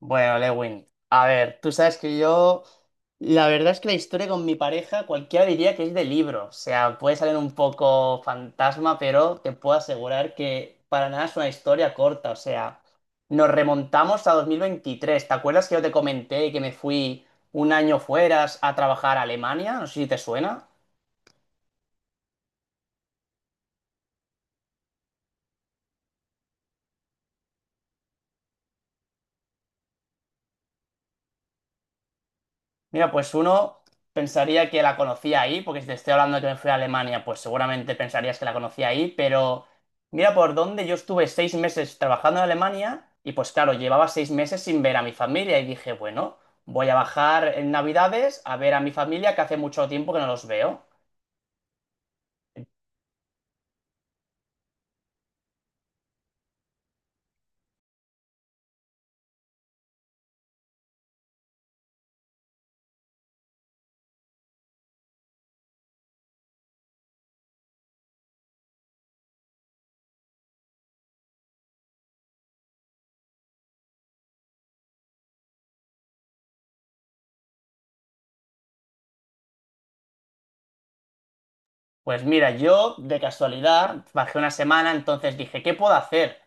Bueno, Lewin, a ver, tú sabes que yo, la verdad es que la historia con mi pareja, cualquiera diría que es de libro, o sea, puede salir un poco fantasma, pero te puedo asegurar que para nada es una historia corta, o sea, nos remontamos a 2023. ¿Te acuerdas que yo te comenté que me fui un año fuera a trabajar a Alemania? No sé si te suena. Mira, pues uno pensaría que la conocía ahí, porque si te estoy hablando de que me fui a Alemania, pues seguramente pensarías que la conocía ahí, pero mira por dónde yo estuve seis meses trabajando en Alemania y pues claro, llevaba seis meses sin ver a mi familia y dije, bueno, voy a bajar en Navidades a ver a mi familia que hace mucho tiempo que no los veo. Pues mira, yo de casualidad bajé una semana, entonces dije, ¿qué puedo hacer?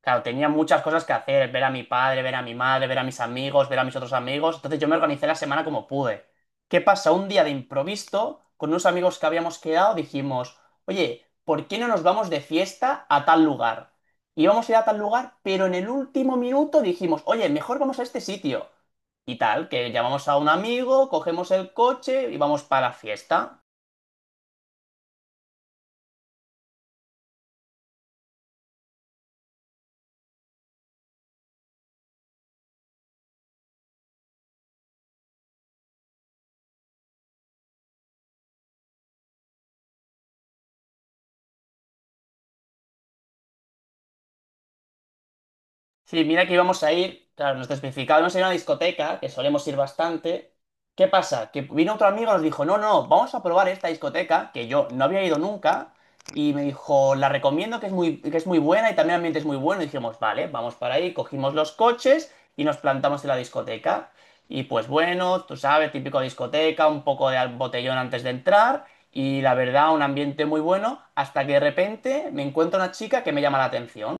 Claro, tenía muchas cosas que hacer, ver a mi padre, ver a mi madre, ver a mis amigos, ver a mis otros amigos. Entonces yo me organicé la semana como pude. ¿Qué pasa? Un día de improviso, con unos amigos que habíamos quedado, dijimos, oye, ¿por qué no nos vamos de fiesta a tal lugar? Íbamos a ir a tal lugar, pero en el último minuto dijimos, oye, mejor vamos a este sitio. Y tal, que llamamos a un amigo, cogemos el coche y vamos para la fiesta. Sí, mira que íbamos a ir, claro, nos especificado, íbamos a ir a una discoteca, que solemos ir bastante. ¿Qué pasa? Que vino otro amigo y nos dijo, no, no, vamos a probar esta discoteca, que yo no había ido nunca, y me dijo, la recomiendo, que es muy buena y también el ambiente es muy bueno. Y dijimos, vale, vamos para ahí, cogimos los coches y nos plantamos en la discoteca. Y pues bueno, tú sabes, típico discoteca, un poco de botellón antes de entrar, y la verdad, un ambiente muy bueno, hasta que de repente me encuentro una chica que me llama la atención.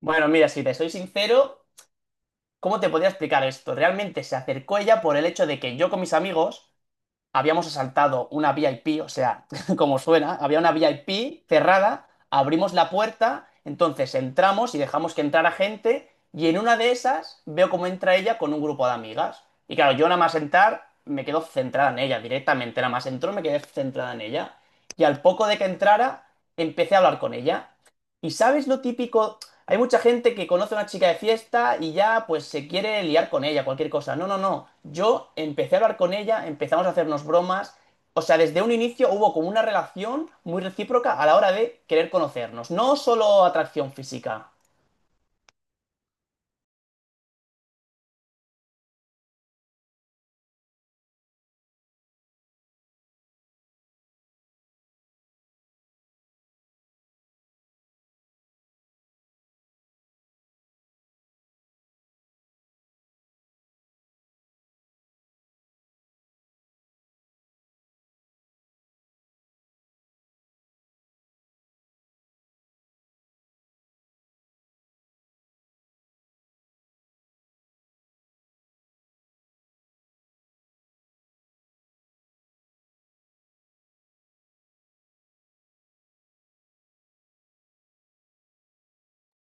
Bueno, mira, si te soy sincero, ¿cómo te podría explicar esto? Realmente se acercó ella por el hecho de que yo con mis amigos habíamos asaltado una VIP, o sea, como suena, había una VIP cerrada, abrimos la puerta, entonces entramos y dejamos que entrara gente, y en una de esas veo cómo entra ella con un grupo de amigas. Y claro, yo nada más entrar, me quedo centrada en ella directamente, nada más entró, me quedé centrada en ella. Y al poco de que entrara, empecé a hablar con ella. ¿Y sabes lo típico? Hay mucha gente que conoce a una chica de fiesta y ya pues se quiere liar con ella, cualquier cosa. No, no, no. Yo empecé a hablar con ella, empezamos a hacernos bromas. O sea, desde un inicio hubo como una relación muy recíproca a la hora de querer conocernos. No solo atracción física.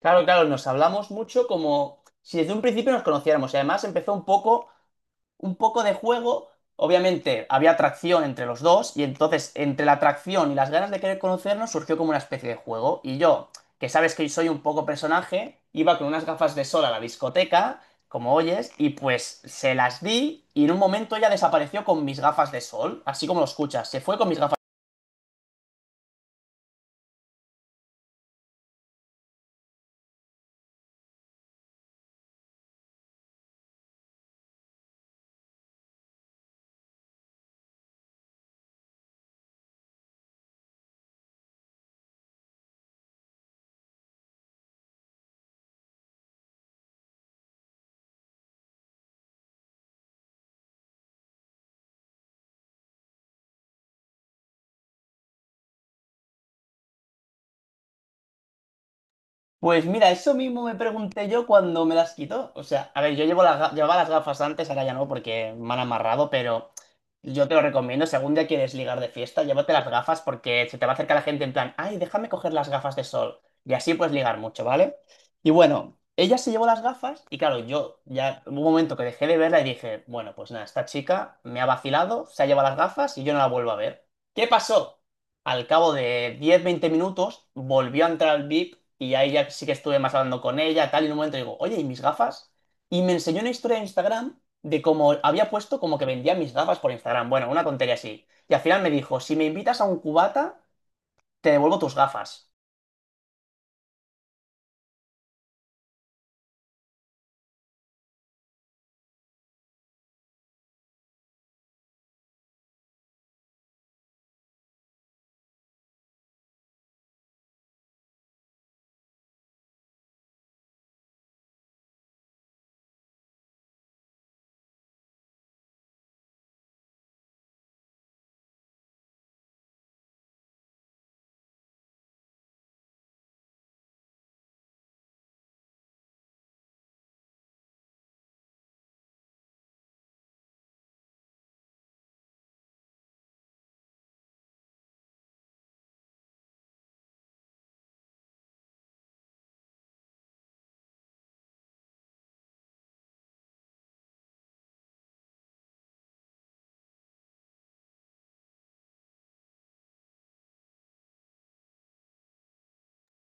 Claro, claro, nos hablamos mucho como si desde un principio nos conociéramos. Y además empezó un poco de juego. Obviamente había atracción entre los dos y entonces entre la atracción y las ganas de querer conocernos surgió como una especie de juego. Y yo, que sabes que soy un poco personaje, iba con unas gafas de sol a la discoteca, como oyes, y pues se las di y en un momento ella desapareció con mis gafas de sol, así como lo escuchas, se fue con mis gafas. Pues mira, eso mismo me pregunté yo cuando me las quitó. O sea, a ver, yo llevo llevaba las gafas antes, ahora ya no porque me han amarrado, pero yo te lo recomiendo, si algún día quieres ligar de fiesta, llévate las gafas porque se te va a acercar la gente en plan, ay, déjame coger las gafas de sol. Y así puedes ligar mucho, ¿vale? Y bueno, ella se llevó las gafas y claro, yo ya hubo un momento que dejé de verla y dije, bueno, pues nada, esta chica me ha vacilado, se ha llevado las gafas y yo no la vuelvo a ver. ¿Qué pasó? Al cabo de diez, veinte minutos volvió a entrar al VIP y ahí ya sí que estuve más hablando con ella, tal, y en un momento digo, oye, ¿y mis gafas? Y me enseñó una historia de Instagram de cómo había puesto como que vendía mis gafas por Instagram. Bueno, una tontería así. Y al final me dijo, si me invitas a un cubata, te devuelvo tus gafas.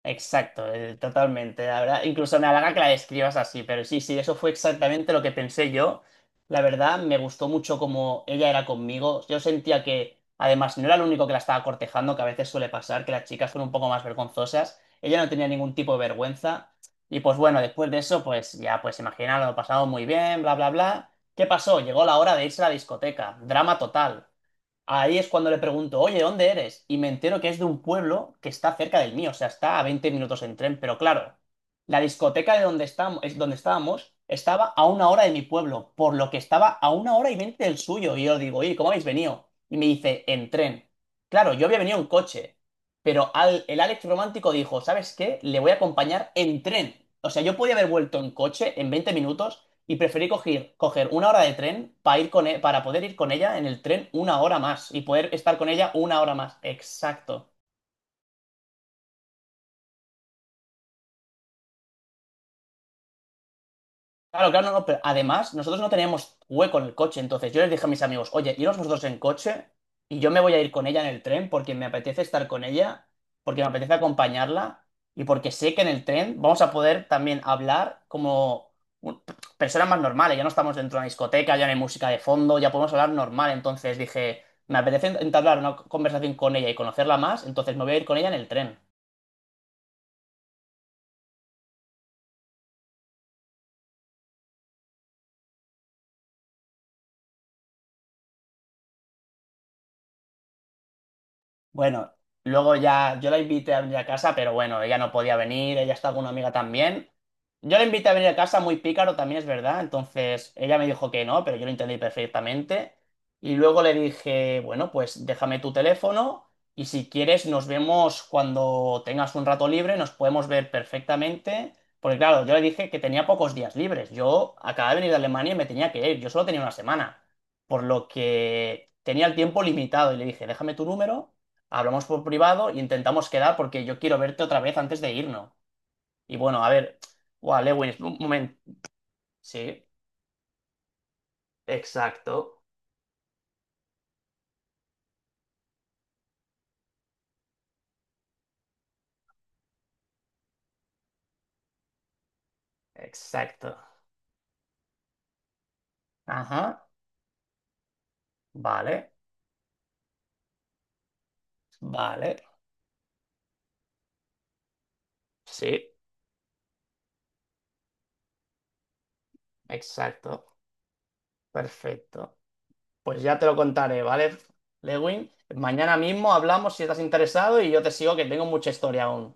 Exacto, totalmente, la verdad. Incluso me halaga que la describas así, pero sí, sí, eso fue exactamente lo que pensé yo. La verdad, me gustó mucho cómo ella era conmigo. Yo sentía que, además, no era el único que la estaba cortejando, que a veces suele pasar, que las chicas son un poco más vergonzosas. Ella no tenía ningún tipo de vergüenza. Y pues bueno, después de eso, pues ya, pues imagina, lo pasamos muy bien, bla, bla, bla. ¿Qué pasó? Llegó la hora de irse a la discoteca. Drama total. Ahí es cuando le pregunto, oye, ¿dónde eres? Y me entero que es de un pueblo que está cerca del mío, o sea, está a 20 minutos en tren, pero claro, la discoteca de donde estábamos, estaba a una hora de mi pueblo, por lo que estaba a una hora y veinte del suyo. Y yo digo, oye, ¿cómo habéis venido? Y me dice, en tren. Claro, yo había venido en coche, pero el Alex romántico dijo, ¿sabes qué? Le voy a acompañar en tren. O sea, yo podía haber vuelto en coche en 20 minutos y preferí coger una hora de tren para ir para poder ir con ella en el tren una hora más y poder estar con ella una hora más. Exacto. Claro, claro, no, no, pero además nosotros no teníamos hueco en el coche, entonces yo les dije a mis amigos, oye, iros vosotros en coche y yo me voy a ir con ella en el tren porque me apetece estar con ella, porque me apetece acompañarla y porque sé que en el tren vamos a poder también hablar como un- personas más normales, ya no estamos dentro de una discoteca, ya no hay música de fondo, ya podemos hablar normal, entonces dije, me apetece entablar una conversación con ella y conocerla más, entonces me voy a ir con ella en el tren. Bueno, luego ya yo la invité a venir a casa, pero bueno, ella no podía venir, ella está con una amiga también. Yo la invité a venir a casa muy pícaro también, es verdad. Entonces ella me dijo que no, pero yo lo entendí perfectamente. Y luego le dije, bueno, pues déjame tu teléfono y si quieres nos vemos cuando tengas un rato libre, nos podemos ver perfectamente. Porque claro, yo le dije que tenía pocos días libres. Yo acababa de venir de Alemania y me tenía que ir, yo solo tenía una semana. Por lo que tenía el tiempo limitado y le dije, déjame tu número, hablamos por privado y intentamos quedar porque yo quiero verte otra vez antes de irnos. Y bueno, a ver, wow, Lewin, un momento. Sí, exacto, exacto. Ajá, vale, vale. Sí, exacto, perfecto. Pues ya te lo contaré, ¿vale, Lewin? Mañana mismo hablamos si estás interesado y yo te sigo que tengo mucha historia aún.